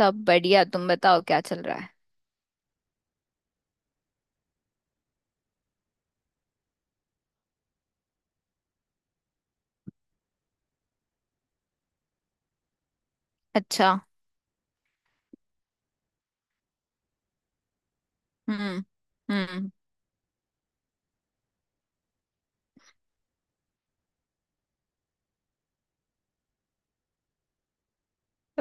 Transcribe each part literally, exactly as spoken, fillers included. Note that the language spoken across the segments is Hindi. सब बढ़िया। तुम बताओ क्या चल रहा है। अच्छा। हम्म। हम्म।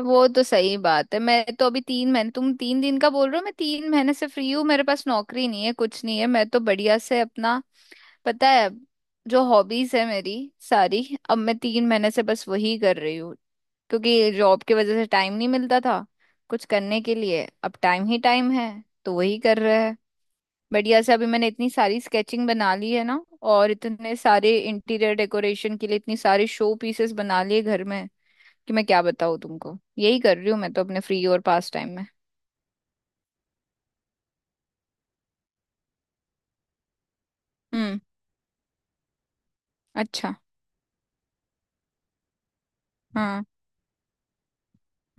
वो तो सही बात है। मैं तो अभी तीन महीने, तुम तीन दिन का बोल रहे हो। मैं तीन महीने से फ्री हूँ। मेरे पास नौकरी नहीं है, कुछ नहीं है। मैं तो बढ़िया से अपना, पता है, जो हॉबीज है मेरी सारी, अब मैं तीन महीने से बस वही कर रही हूँ। क्योंकि जॉब की वजह से टाइम नहीं मिलता था कुछ करने के लिए। अब टाइम ही टाइम है तो वही कर रहे हैं। बढ़िया से अभी मैंने इतनी सारी स्केचिंग बना ली है ना, और इतने सारे इंटीरियर डेकोरेशन के लिए इतनी सारे शो पीसेस बना लिए घर में कि मैं क्या बताऊँ तुमको। यही कर रही हूँ मैं तो अपने फ्री और पास टाइम में। हम्म। अच्छा। हाँ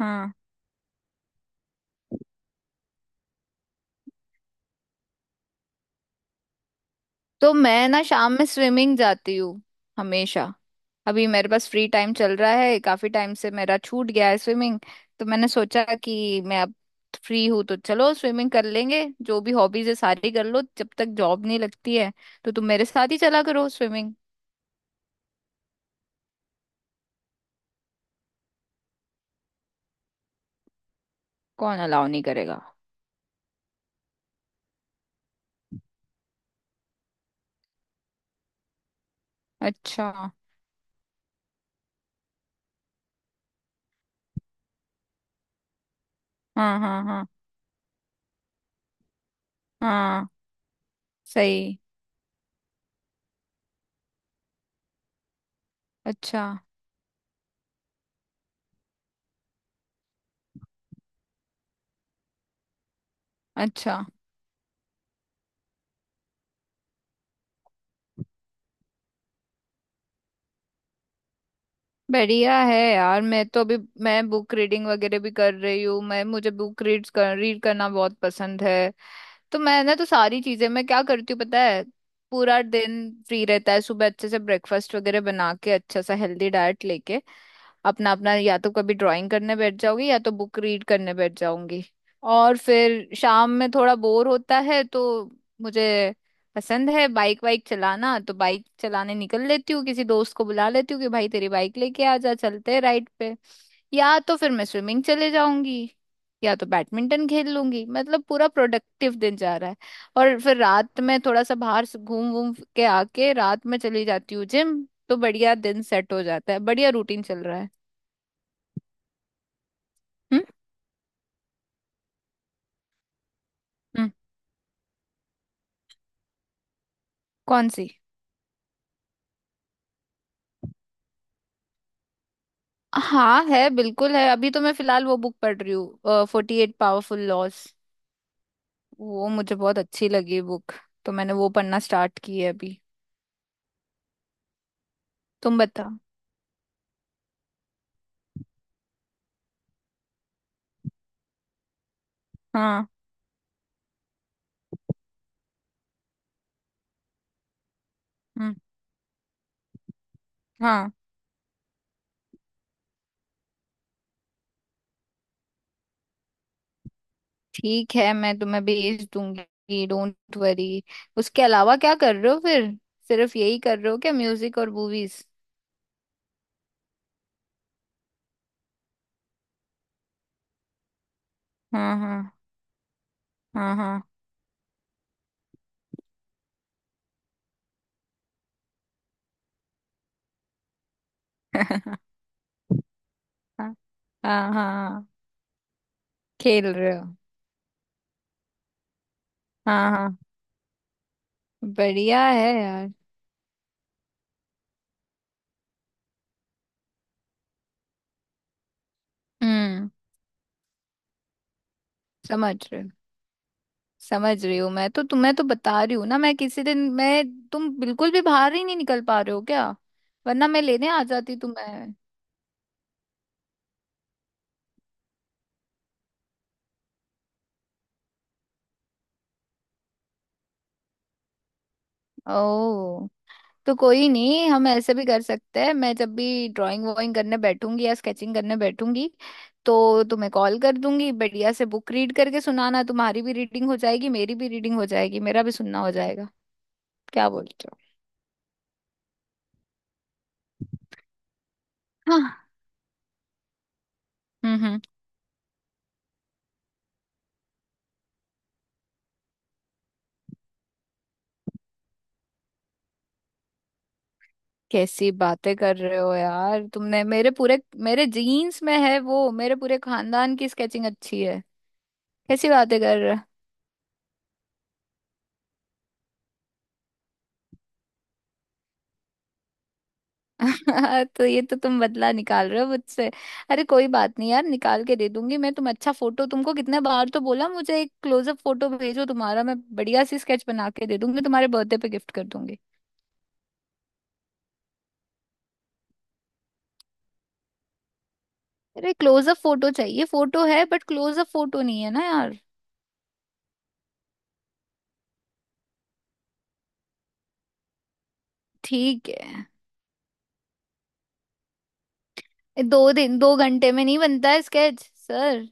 हाँ। तो मैं ना शाम में स्विमिंग जाती हूँ हमेशा। अभी मेरे पास फ्री टाइम चल रहा है, काफी टाइम से मेरा छूट गया है स्विमिंग। तो मैंने सोचा कि मैं अब फ्री हूं तो चलो स्विमिंग कर लेंगे। जो भी हॉबीज है सारी कर लो जब तक जॉब नहीं लगती है। तो तुम मेरे साथ ही चला करो स्विमिंग। कौन अलाउ नहीं करेगा। अच्छा। हाँ हाँ हाँ। हाँ सही। अच्छा। अच्छा। बढ़िया है यार, मैं तो अभी, मैं बुक रीडिंग वगैरह भी कर रही हूँ। मैं मुझे बुक रीड कर रीड करना बहुत पसंद है। तो मैंने तो सारी चीजें, मैं क्या करती हूँ पता है। पूरा दिन फ्री रहता है। सुबह अच्छे से ब्रेकफास्ट वगैरह बना के अच्छा सा हेल्दी डाइट लेके अपना अपना, या तो कभी ड्राइंग करने बैठ जाऊंगी या तो बुक रीड करने बैठ जाऊंगी। और फिर शाम में थोड़ा बोर होता है तो मुझे पसंद है बाइक वाइक चलाना। तो बाइक चलाने निकल लेती हूँ, किसी दोस्त को बुला लेती हूँ कि भाई तेरी बाइक लेके आ जा, चलते हैं राइड पे। या तो फिर मैं स्विमिंग चले जाऊंगी, या तो बैडमिंटन खेल लूंगी। मतलब पूरा प्रोडक्टिव दिन जा रहा है। और फिर रात में थोड़ा सा बाहर से घूम घूम के आके रात में चली जाती हूँ जिम। तो बढ़िया दिन सेट हो जाता है, बढ़िया रूटीन चल रहा है। हम्म। हम्म। कौन सी। हाँ है, बिल्कुल है। अभी तो मैं फिलहाल वो बुक पढ़ रही हूँ, फोर्टी एट पावरफुल लॉज। वो मुझे बहुत अच्छी लगी बुक। तो मैंने वो पढ़ना स्टार्ट की है अभी। तुम बताओ। हाँ। हम्म। हाँ। ठीक है, मैं तुम्हें भेज दूंगी, डोंट वरी। उसके अलावा क्या कर रहे हो फिर। सिर्फ यही कर रहे हो क्या, म्यूजिक और मूवीज। हाँ हाँ हाँ हाँ। हाँ हाँ। हाँ खेल रहे हो। हाँ हाँ। बढ़िया है यार। हम्म। समझ रहे हो। समझ रही हूँ। मैं तो तुम्हें तो बता रही हूँ ना। मैं किसी दिन मैं, तुम बिल्कुल भी बाहर ही नहीं निकल पा रहे हो क्या। वरना मैं लेने आ जाती तुम्हें। ओ। तो कोई नहीं, हम ऐसे भी कर सकते हैं। मैं जब भी ड्राइंग वॉइंग करने बैठूंगी या स्केचिंग करने बैठूंगी तो तुम्हें कॉल कर दूंगी। बढ़िया से बुक रीड करके सुनाना, तुम्हारी भी रीडिंग हो जाएगी, मेरी भी रीडिंग हो जाएगी, मेरा भी सुनना हो जाएगा। क्या बोलते हो। हाँ। हम्म। हम्म। कैसी बातें कर रहे हो यार। तुमने मेरे पूरे, मेरे जीन्स में है वो, मेरे पूरे खानदान की स्केचिंग अच्छी है। कैसी बातें कर रहे हो। तो ये तो तुम बदला निकाल रहे हो मुझसे। अरे कोई बात नहीं यार, निकाल के दे दूंगी मैं। तुम अच्छा फोटो, तुमको कितने बार तो बोला मुझे एक क्लोजअप फोटो भेजो तुम्हारा। मैं बढ़िया सी स्केच बना के दे दूंगी, तुम्हारे बर्थडे पे गिफ्ट कर दूंगी। अरे क्लोजअप फोटो चाहिए, फोटो है बट क्लोजअप फोटो नहीं है ना यार। ठीक है। ये दो दिन, दो घंटे में नहीं बनता है स्केच सर।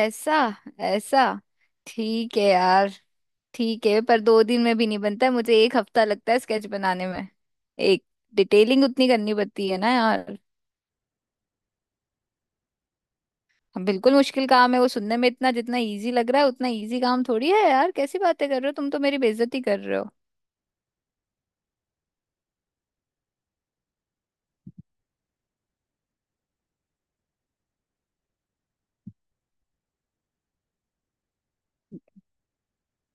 ऐसा ऐसा। ठीक है यार। ठीक है, पर दो दिन में भी नहीं बनता है, मुझे एक हफ्ता लगता है स्केच बनाने में। एक डिटेलिंग उतनी करनी पड़ती है ना यार। हम बिल्कुल मुश्किल काम है। वो सुनने में इतना जितना इजी लग रहा है, उतना इजी काम थोड़ी है यार। कैसी बातें कर रहे हो, तुम तो मेरी बेइज्जती कर रहे हो।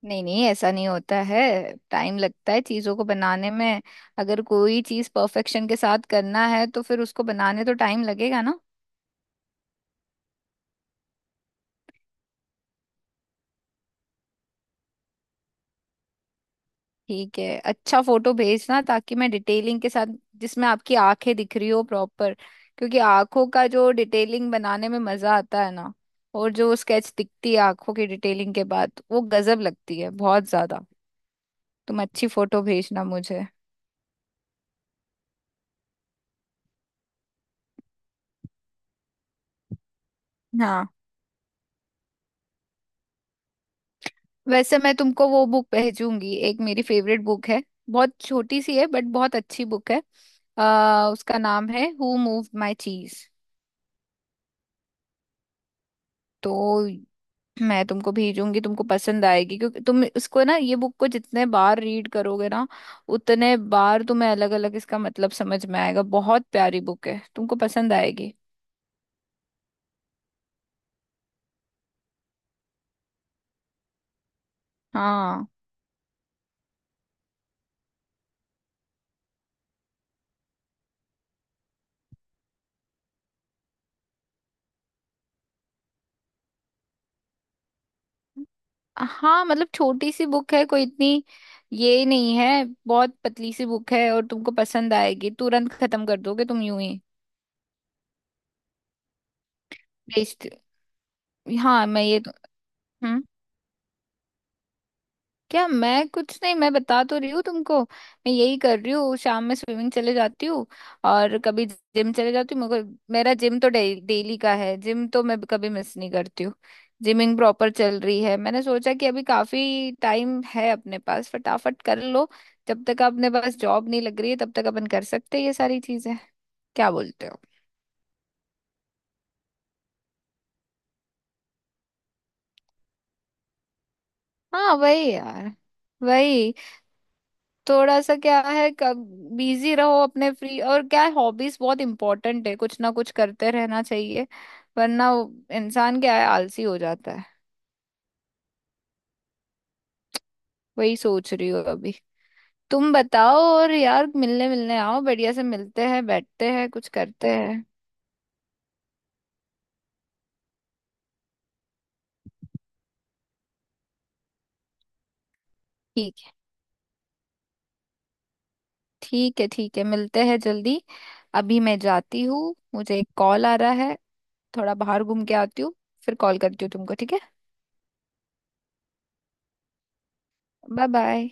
नहीं नहीं, ऐसा नहीं होता है। टाइम लगता है चीज़ों को बनाने में। अगर कोई चीज़ परफेक्शन के साथ करना है तो फिर उसको बनाने तो टाइम लगेगा ना। ठीक है। अच्छा फोटो भेजना ताकि मैं डिटेलिंग के साथ, जिसमें आपकी आंखें दिख रही हो प्रॉपर। क्योंकि आंखों का जो डिटेलिंग बनाने में मजा आता है ना, और जो स्केच दिखती है आंखों की डिटेलिंग के बाद वो गजब लगती है बहुत ज्यादा। तुम अच्छी फोटो भेजना मुझे। हाँ। वैसे मैं तुमको वो बुक भेजूंगी, एक मेरी फेवरेट बुक है। बहुत छोटी सी है बट बहुत अच्छी बुक है। आ, उसका नाम है हु मूव्ड माई चीज। तो मैं तुमको भेजूंगी, तुमको पसंद आएगी। क्योंकि तुम इसको ना, ये बुक को जितने बार रीड करोगे ना उतने बार तुम्हें अलग अलग इसका मतलब समझ में आएगा। बहुत प्यारी बुक है, तुमको पसंद आएगी। हाँ। हाँ मतलब छोटी सी बुक है कोई इतनी, ये नहीं है। बहुत पतली सी बुक है और तुमको पसंद आएगी, तुरंत खत्म कर दोगे तुम यूं ही। बेस्ट। हाँ मैं ये तो। हम्म। क्या मैं, कुछ नहीं मैं बता तो रही हूँ तुमको, मैं यही कर रही हूँ। शाम में स्विमिंग चले जाती हूँ, और कभी जिम चले जाती हूँ। मेरे को मेरा जिम तो डे, डेली का है, जिम तो मैं कभी मिस नहीं करती हूँ। जिमिंग प्रॉपर चल रही है। मैंने सोचा कि अभी काफी टाइम है अपने पास, फटाफट कर लो। जब तक अपने पास जॉब नहीं लग रही है तब तक अपन कर सकते हैं ये सारी चीजें। क्या बोलते हो। हाँ वही यार। वही, थोड़ा सा क्या है, कब बिजी रहो अपने फ्री और क्या है। हॉबीज बहुत इंपॉर्टेंट है, कुछ ना कुछ करते रहना चाहिए, वरना वो- इंसान क्या है आलसी हो जाता है। वही सोच रही हूँ अभी। तुम बताओ। और यार मिलने मिलने आओ, बढ़िया से मिलते हैं, बैठते हैं, कुछ करते हैं। ठीक है। ठीक है ठीक है, मिलते हैं जल्दी। अभी मैं जाती हूँ, मुझे एक कॉल आ रहा है। थोड़ा बाहर घूम के आती हूँ, फिर कॉल करती हूँ तुमको। ठीक है। Bye bye.